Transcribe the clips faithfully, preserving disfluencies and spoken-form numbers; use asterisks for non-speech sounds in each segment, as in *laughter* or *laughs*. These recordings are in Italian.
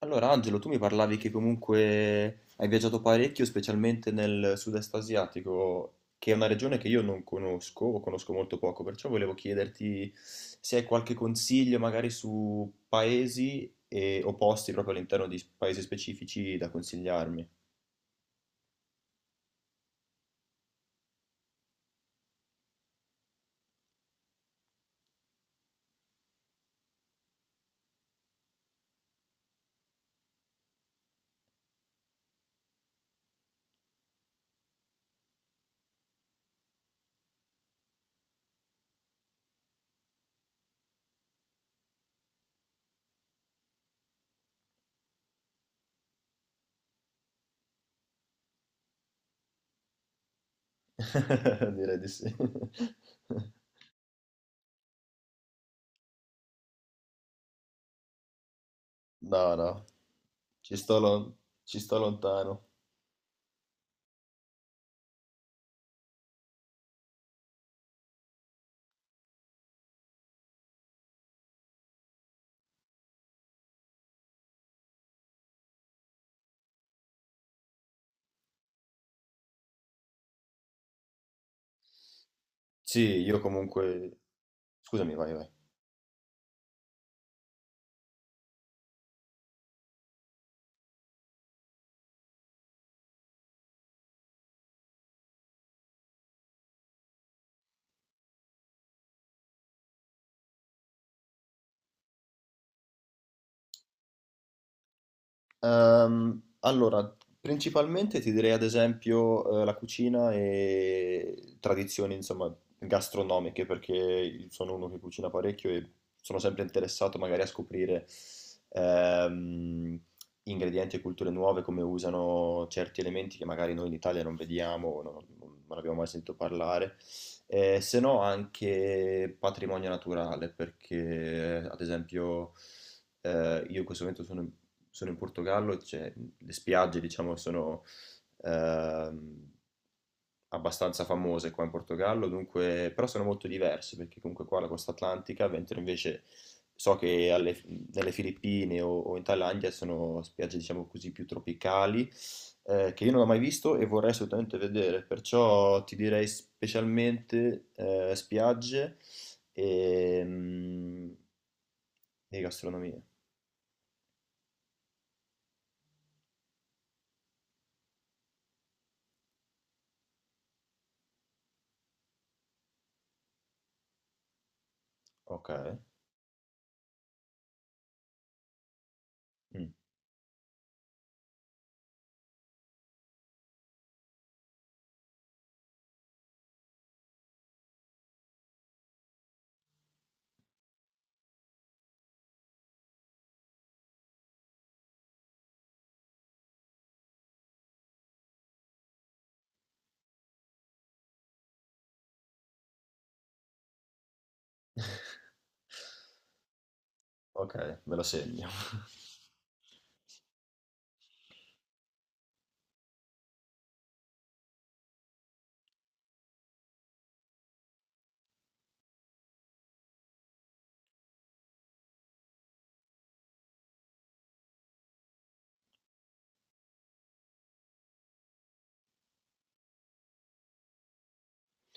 Allora, Angelo, tu mi parlavi che comunque hai viaggiato parecchio, specialmente nel sud-est asiatico, che è una regione che io non conosco o conosco molto poco, perciò volevo chiederti se hai qualche consiglio magari su paesi e- o posti proprio all'interno di paesi specifici da consigliarmi. *laughs* Direi di sì. *laughs* No, no, ci sto, lon- ci sto lontano. Sì, io comunque... Scusami, vai, vai. Ehm, allora, principalmente ti direi ad esempio eh, la cucina e tradizioni, insomma, gastronomiche, perché io sono uno che cucina parecchio e sono sempre interessato magari a scoprire ehm, ingredienti e culture nuove, come usano certi elementi che magari noi in Italia non vediamo, o non, non abbiamo mai sentito parlare. Eh, se no anche patrimonio naturale, perché ad esempio eh, io in questo momento sono in, sono in Portogallo, c'è- le spiagge diciamo sono ehm, abbastanza famose qua in Portogallo, dunque, però sono molto diverse perché comunque qua la costa atlantica, mentre invece so che alle, nelle Filippine o, o in Thailandia sono spiagge diciamo così più tropicali eh, che io non ho mai visto e vorrei assolutamente vedere, perciò ti direi specialmente eh, spiagge e, mm, e gastronomia. Ok. Mh. Okay, me la segno.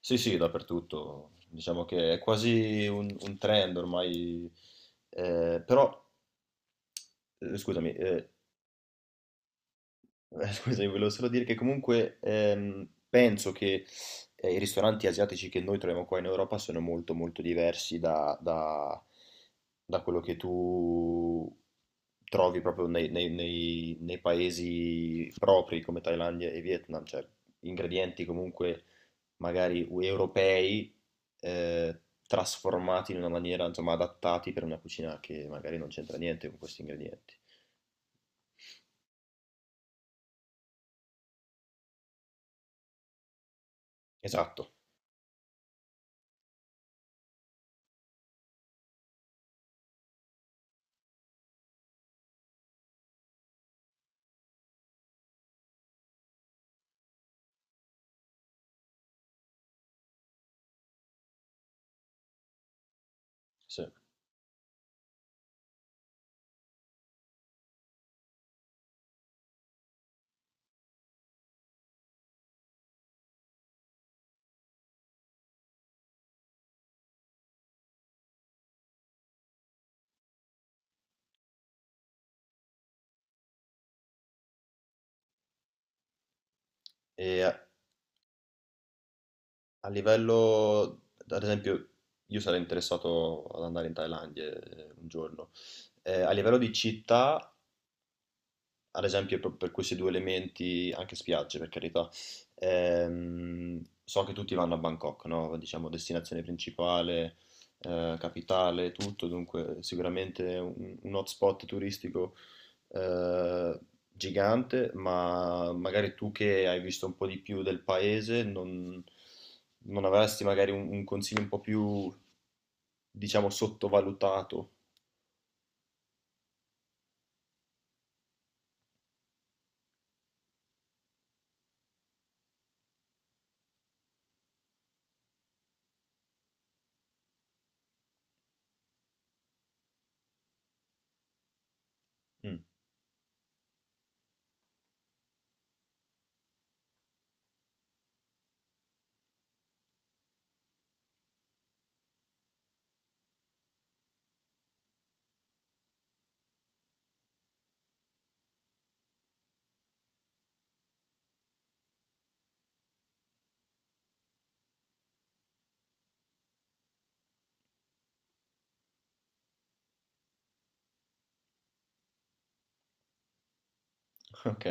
Sì, sì, dappertutto. Diciamo che è quasi un un trend ormai, ehm, però, uhm, scusami, ehm Eh, *laughs* scusami, volevo solo dire che comunque ehm, penso che eh, i ristoranti asiatici che noi troviamo qua in Europa sono molto molto diversi da, da- da quello che tu trovi proprio nei, nei- nei- nei paesi propri come Thailandia e Vietnam, cioè ingredienti comunque magari u- europei eh, trasformati in una maniera, insomma, adattati per una cucina che magari non c'entra niente con questi ingredienti. Esatto, sì. E, eh, A livello, ad esempio, io sarei interessato ad andare in Thailandia eh, un giorno. Eh, a livello di città, ad esempio proprio per questi due elementi, anche spiagge per carità, ehm, so che tutti vanno a Bangkok, no? Diciamo destinazione principale, eh, capitale, tutto, dunque sicuramente un, un hotspot turistico eh, gigante, ma magari tu che hai visto un po' di più del paese non, non avresti magari un, un consiglio un po' più, diciamo, sottovalutato. Mm, *laughs* ok.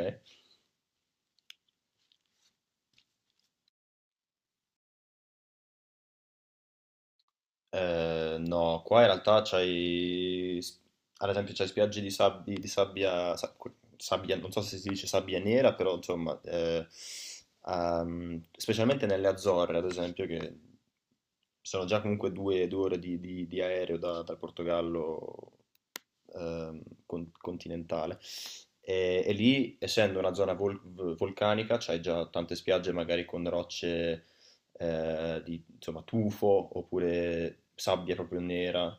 Ehm, no, qua in realtà c'hai, s- ad esempio, c'hai spiagge di, sabbi- di sabbia, sa- que- sabbia- non so se si dice sabbia nera, però insomma, eh, ehm, specialmente nelle Azzorre, ad esempio, che sono già comunque due, due ore di, di- di aereo da- dal Portogallo ehm, con- continentale. E, e lì, essendo una zona vol- v- vulcanica, c'hai già tante spiagge magari con rocce eh, di insomma, tufo oppure sabbia proprio nera.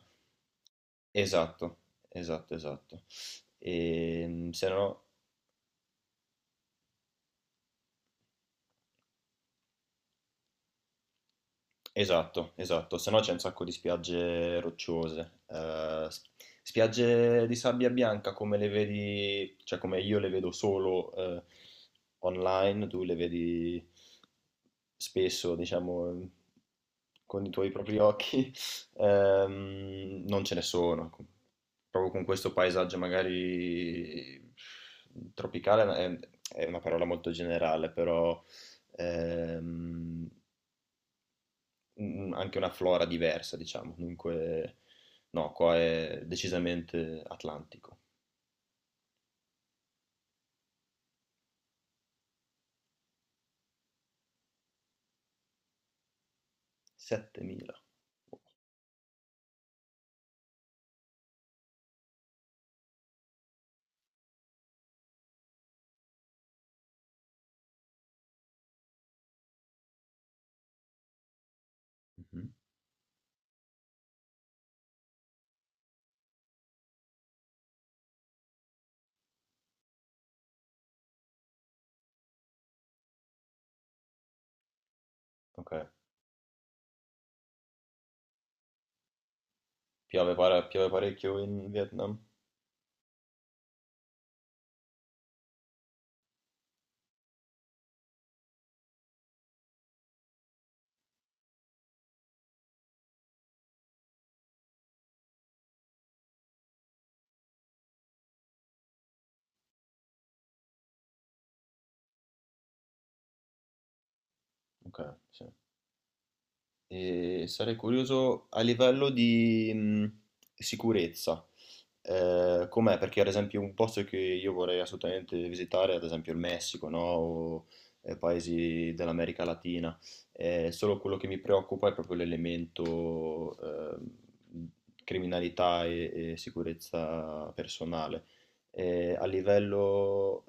Esatto, esatto, esatto. E, se no, esatto, esatto. Se no c'è un sacco di spiagge rocciose. Eh, s- spiagge di sabbia bianca come le vedi, cioè come io le vedo solo eh, online, tu le vedi spesso, diciamo, con i tuoi propri occhi. *laughs* Ehm, non ce ne sono, proprio con questo paesaggio magari tropicale è, è una parola molto generale, però ehm, un- anche una flora diversa, diciamo. Dunque, no, qua è decisamente atlantico. settemila. Mhm. Ok. Piove, pare- piove parecchio in Vietnam? Ok, sì. E sarei curioso a livello di mh, sicurezza, eh, com'è? Perché ad esempio un posto che io vorrei assolutamente visitare, ad esempio il Messico, no? O eh, paesi dell'America Latina, eh, solo quello che mi preoccupa è proprio l'elemento eh, criminalità e e sicurezza personale eh, a livello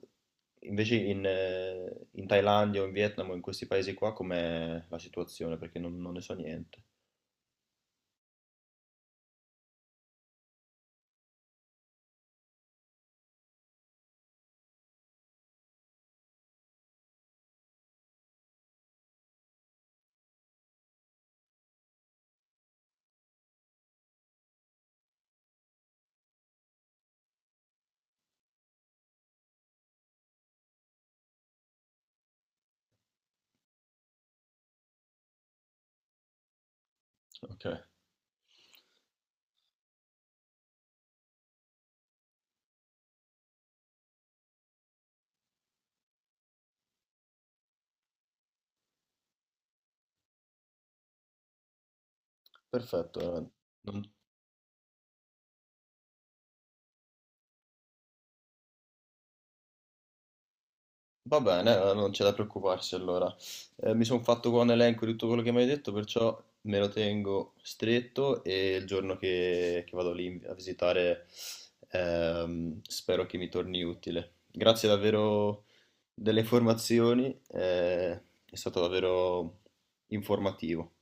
invece in, eh, in Thailandia o in Vietnam o in questi paesi qua com'è la situazione? Perché non, non ne so niente. Ok, perfetto. Veramente. Non- Va bene, eh, non c'è da preoccuparsi allora. Eh, mi sono fatto qua un elenco di tutto quello che mi hai detto, perciò me lo tengo stretto e il giorno che, che vado lì a visitare ehm, spero che mi torni utile. Grazie davvero delle informazioni, eh, è stato davvero informativo.